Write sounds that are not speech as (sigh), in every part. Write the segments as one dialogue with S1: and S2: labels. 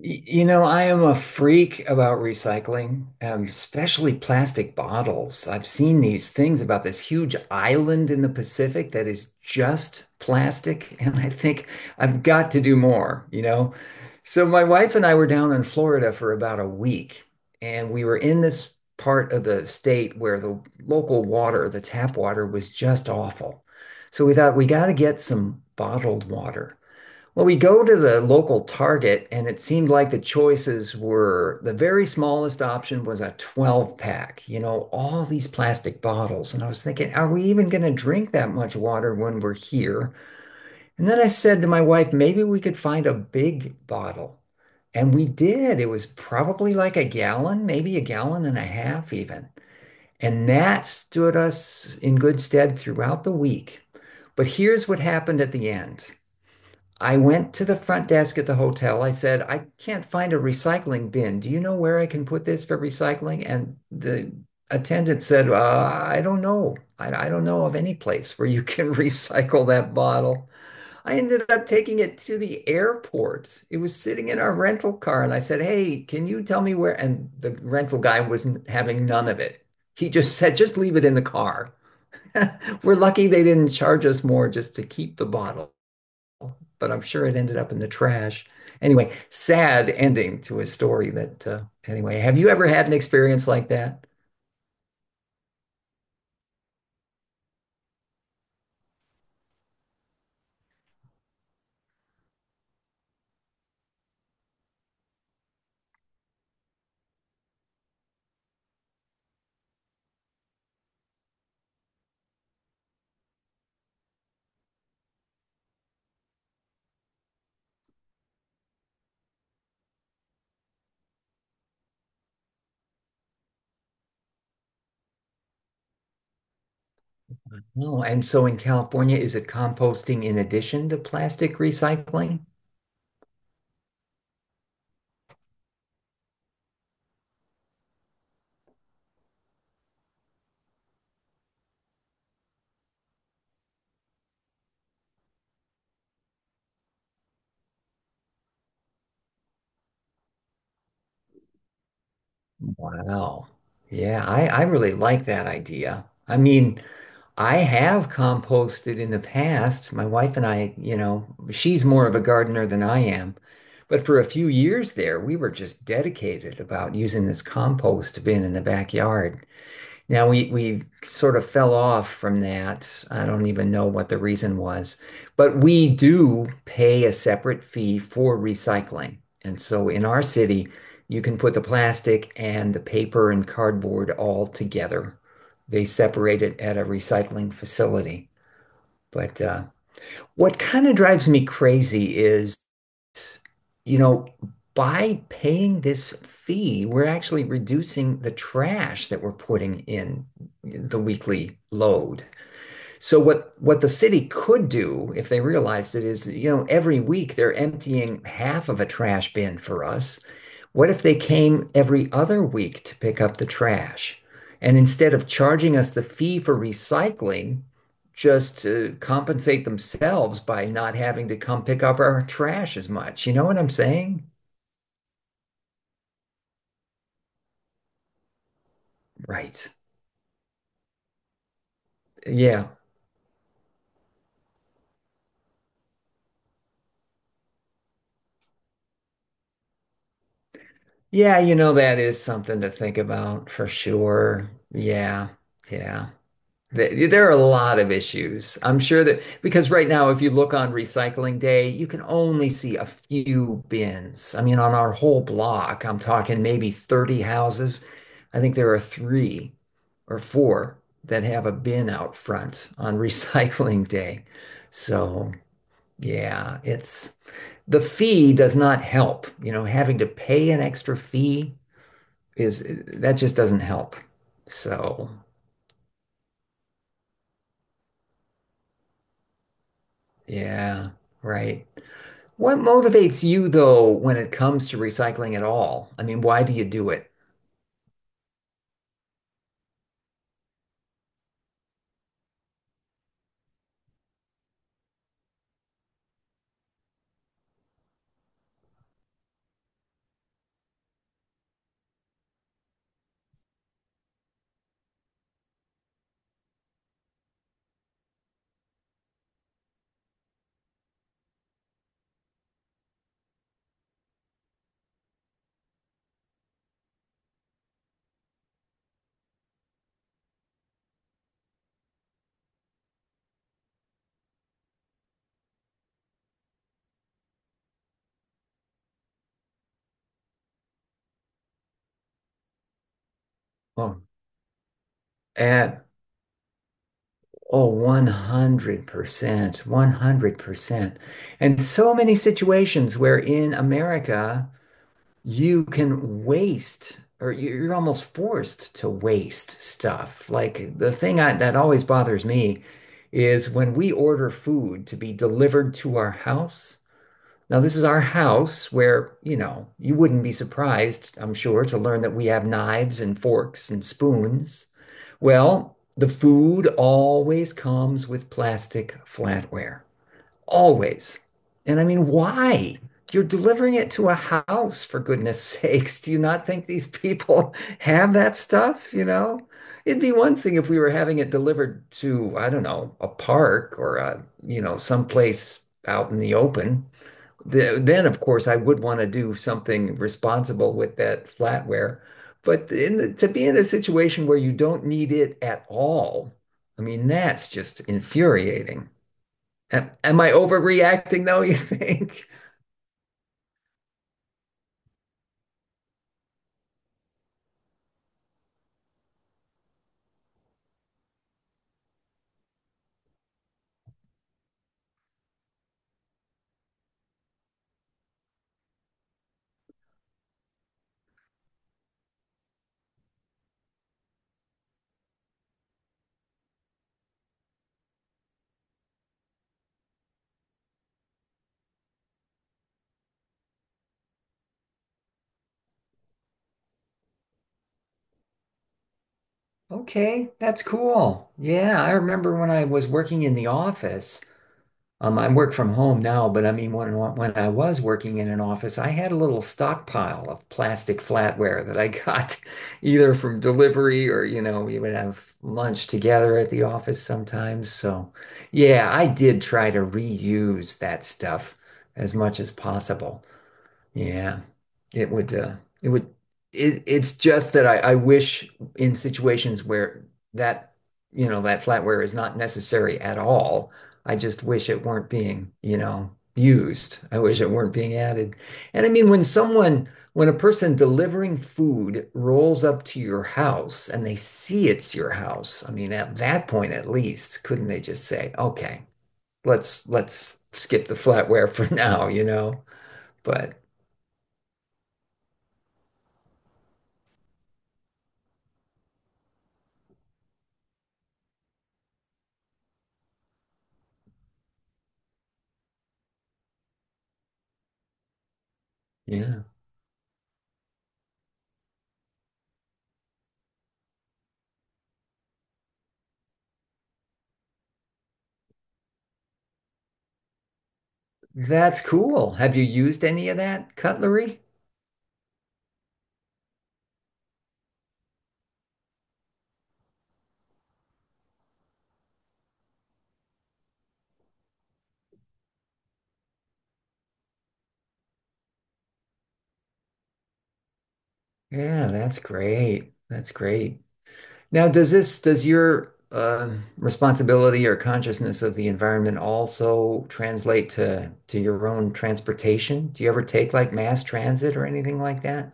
S1: You know, I am a freak about recycling, especially plastic bottles. I've seen these things about this huge island in the Pacific that is just plastic, (laughs) and I think I've got to do more, you know? So my wife and I were down in Florida for about a week, and we were in this part of the state where the local water, the tap water, was just awful. So we thought we got to get some bottled water. Well, we go to the local Target, and it seemed like the choices were the very smallest option was a 12 pack, you know, all these plastic bottles. And I was thinking, are we even going to drink that much water when we're here? And then I said to my wife, maybe we could find a big bottle. And we did. It was probably like a gallon, maybe a gallon and a half, even. And that stood us in good stead throughout the week. But here's what happened at the end. I went to the front desk at the hotel. I said, I can't find a recycling bin. Do you know where I can put this for recycling? And the attendant said, I don't know. I don't know of any place where you (laughs) can recycle that bottle. I ended up taking it to the airport. It was sitting in our rental car. And I said, Hey, can you tell me where? And the rental guy wasn't having none of it. He just said, Just leave it in the car. (laughs) We're lucky they didn't charge us more just to keep the bottle, but I'm sure it ended up in the trash. Anyway, sad ending to a story that, anyway, have you ever had an experience like that? No. And so in California, is it composting in addition to plastic recycling? Wow. Yeah, I really like that idea. I mean, I have composted in the past. My wife and I, you know, she's more of a gardener than I am. But for a few years there, we were just dedicated about using this compost bin in the backyard. Now we sort of fell off from that. I don't even know what the reason was, but we do pay a separate fee for recycling. And so in our city, you can put the plastic and the paper and cardboard all together. They separate it at a recycling facility. But what kind of drives me crazy is, you know, by paying this fee, we're actually reducing the trash that we're putting in the weekly load. So what the city could do if they realized it is, you know, every week they're emptying half of a trash bin for us. What if they came every other week to pick up the trash? And instead of charging us the fee for recycling, just to compensate themselves by not having to come pick up our trash as much. You know what I'm saying? Right. Yeah. Yeah, you know, that is something to think about for sure. Yeah. Yeah. There are a lot of issues. I'm sure that because right now, if you look on Recycling Day, you can only see a few bins. I mean, on our whole block, I'm talking maybe 30 houses. I think there are three or four that have a bin out front on (laughs) Recycling Day. So, yeah, it's the fee does not help. You know, having to pay an extra fee is that just doesn't help. So, yeah, right. What motivates you though when it comes to recycling at all? I mean, why do you do it? Oh, At oh, 100%, 100%. And so many situations where in America you can waste or you're almost forced to waste stuff. Like that always bothers me is when we order food to be delivered to our house. Now, this is our house where, you know, you wouldn't be surprised, I'm sure, to learn that we have knives and forks and spoons. Well, the food always comes with plastic flatware. Always. And I mean, why? You're delivering it to a house, for goodness (laughs) sakes. Do you not think these people (laughs) have that stuff? You know, it'd be one thing if we were having it delivered to, I don't know, a park or you know, someplace out in the open then of course I would want to do something responsible with that flatware. But to be in a situation where you don't need it at all, I mean, that's just infuriating. Am I overreacting though, (laughs) you think? Okay, that's cool. Yeah, I remember when I was working in the office. I work from home now, but I mean, when I was working in an office, I had a little stockpile of plastic flatware that I got (laughs) either from delivery or, you know, we would have lunch together at the office sometimes. So, yeah, I did try to reuse that stuff as much as possible. Yeah. It would, uh, it would, it's just that I wish in situations where that, you know, that flatware is not necessary at all. I just wish it weren't being, you know, used. I wish it weren't being added. And I mean, when a person delivering food rolls up to your house and they see it's your house, I mean, at that point at least, couldn't they just say, okay, let's skip the flatware for (laughs) now, you know? But yeah. That's cool. Have you used any of that cutlery? Yeah, that's great. That's great. Now, does your responsibility or consciousness of the environment also translate to your own transportation? Do you ever take like mass transit or anything like that?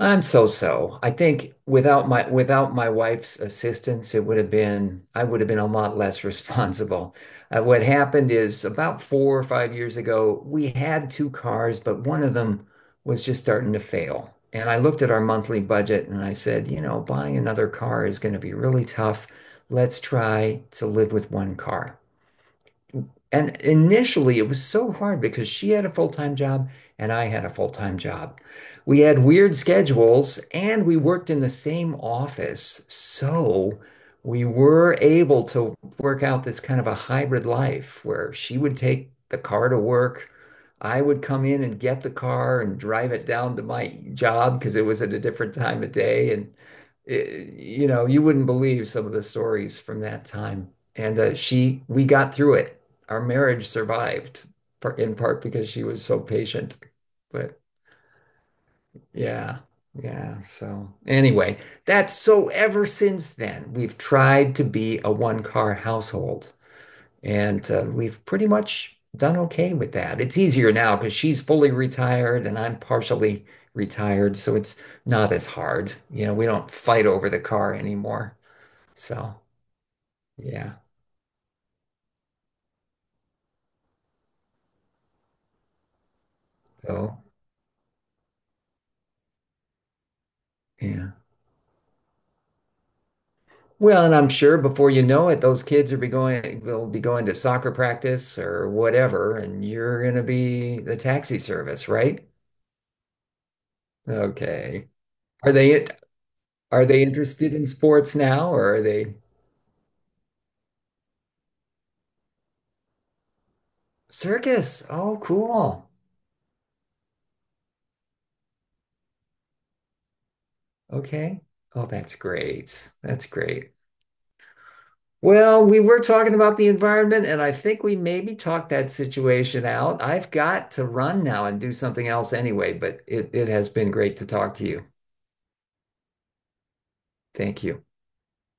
S1: I'm so so. I think without my wife's assistance, it would have been I would have been a lot less (laughs) responsible. What happened is about 4 or 5 years ago, we had two cars, but one of them was just starting to fail. And I looked at our monthly budget and I said, you know, buying another car is going to be really tough. Let's try to live with one car. And initially, it was so hard because she had a full-time job and I had a full-time job. We had weird schedules and we worked in the same office. So we were able to work out this kind of a hybrid life where she would take the car to work. I would come in and get the car and drive it down to my job because it was at a different time of day. And, you know, you wouldn't believe some of the stories from that time. And we got through it, our marriage survived in part because she was so patient. But yeah, yeah. So anyway, that's so ever since then, we've tried to be a one car household and we've pretty much done okay with that. It's easier now because she's fully retired and I'm partially retired. So it's not as hard. You know, we don't fight over the car anymore. So yeah. So yeah. Well, and I'm sure before you know it, those kids are be going will be going to soccer practice or whatever, and you're going to be the taxi service, right? Okay. Are they are they interested in sports now, or are they circus? Oh, cool. Okay. Oh, that's great. That's great. Well, we were talking about the environment, and I think we maybe talked that situation out. I've got to run now and do something else anyway, but it has been great to talk to you. Thank you.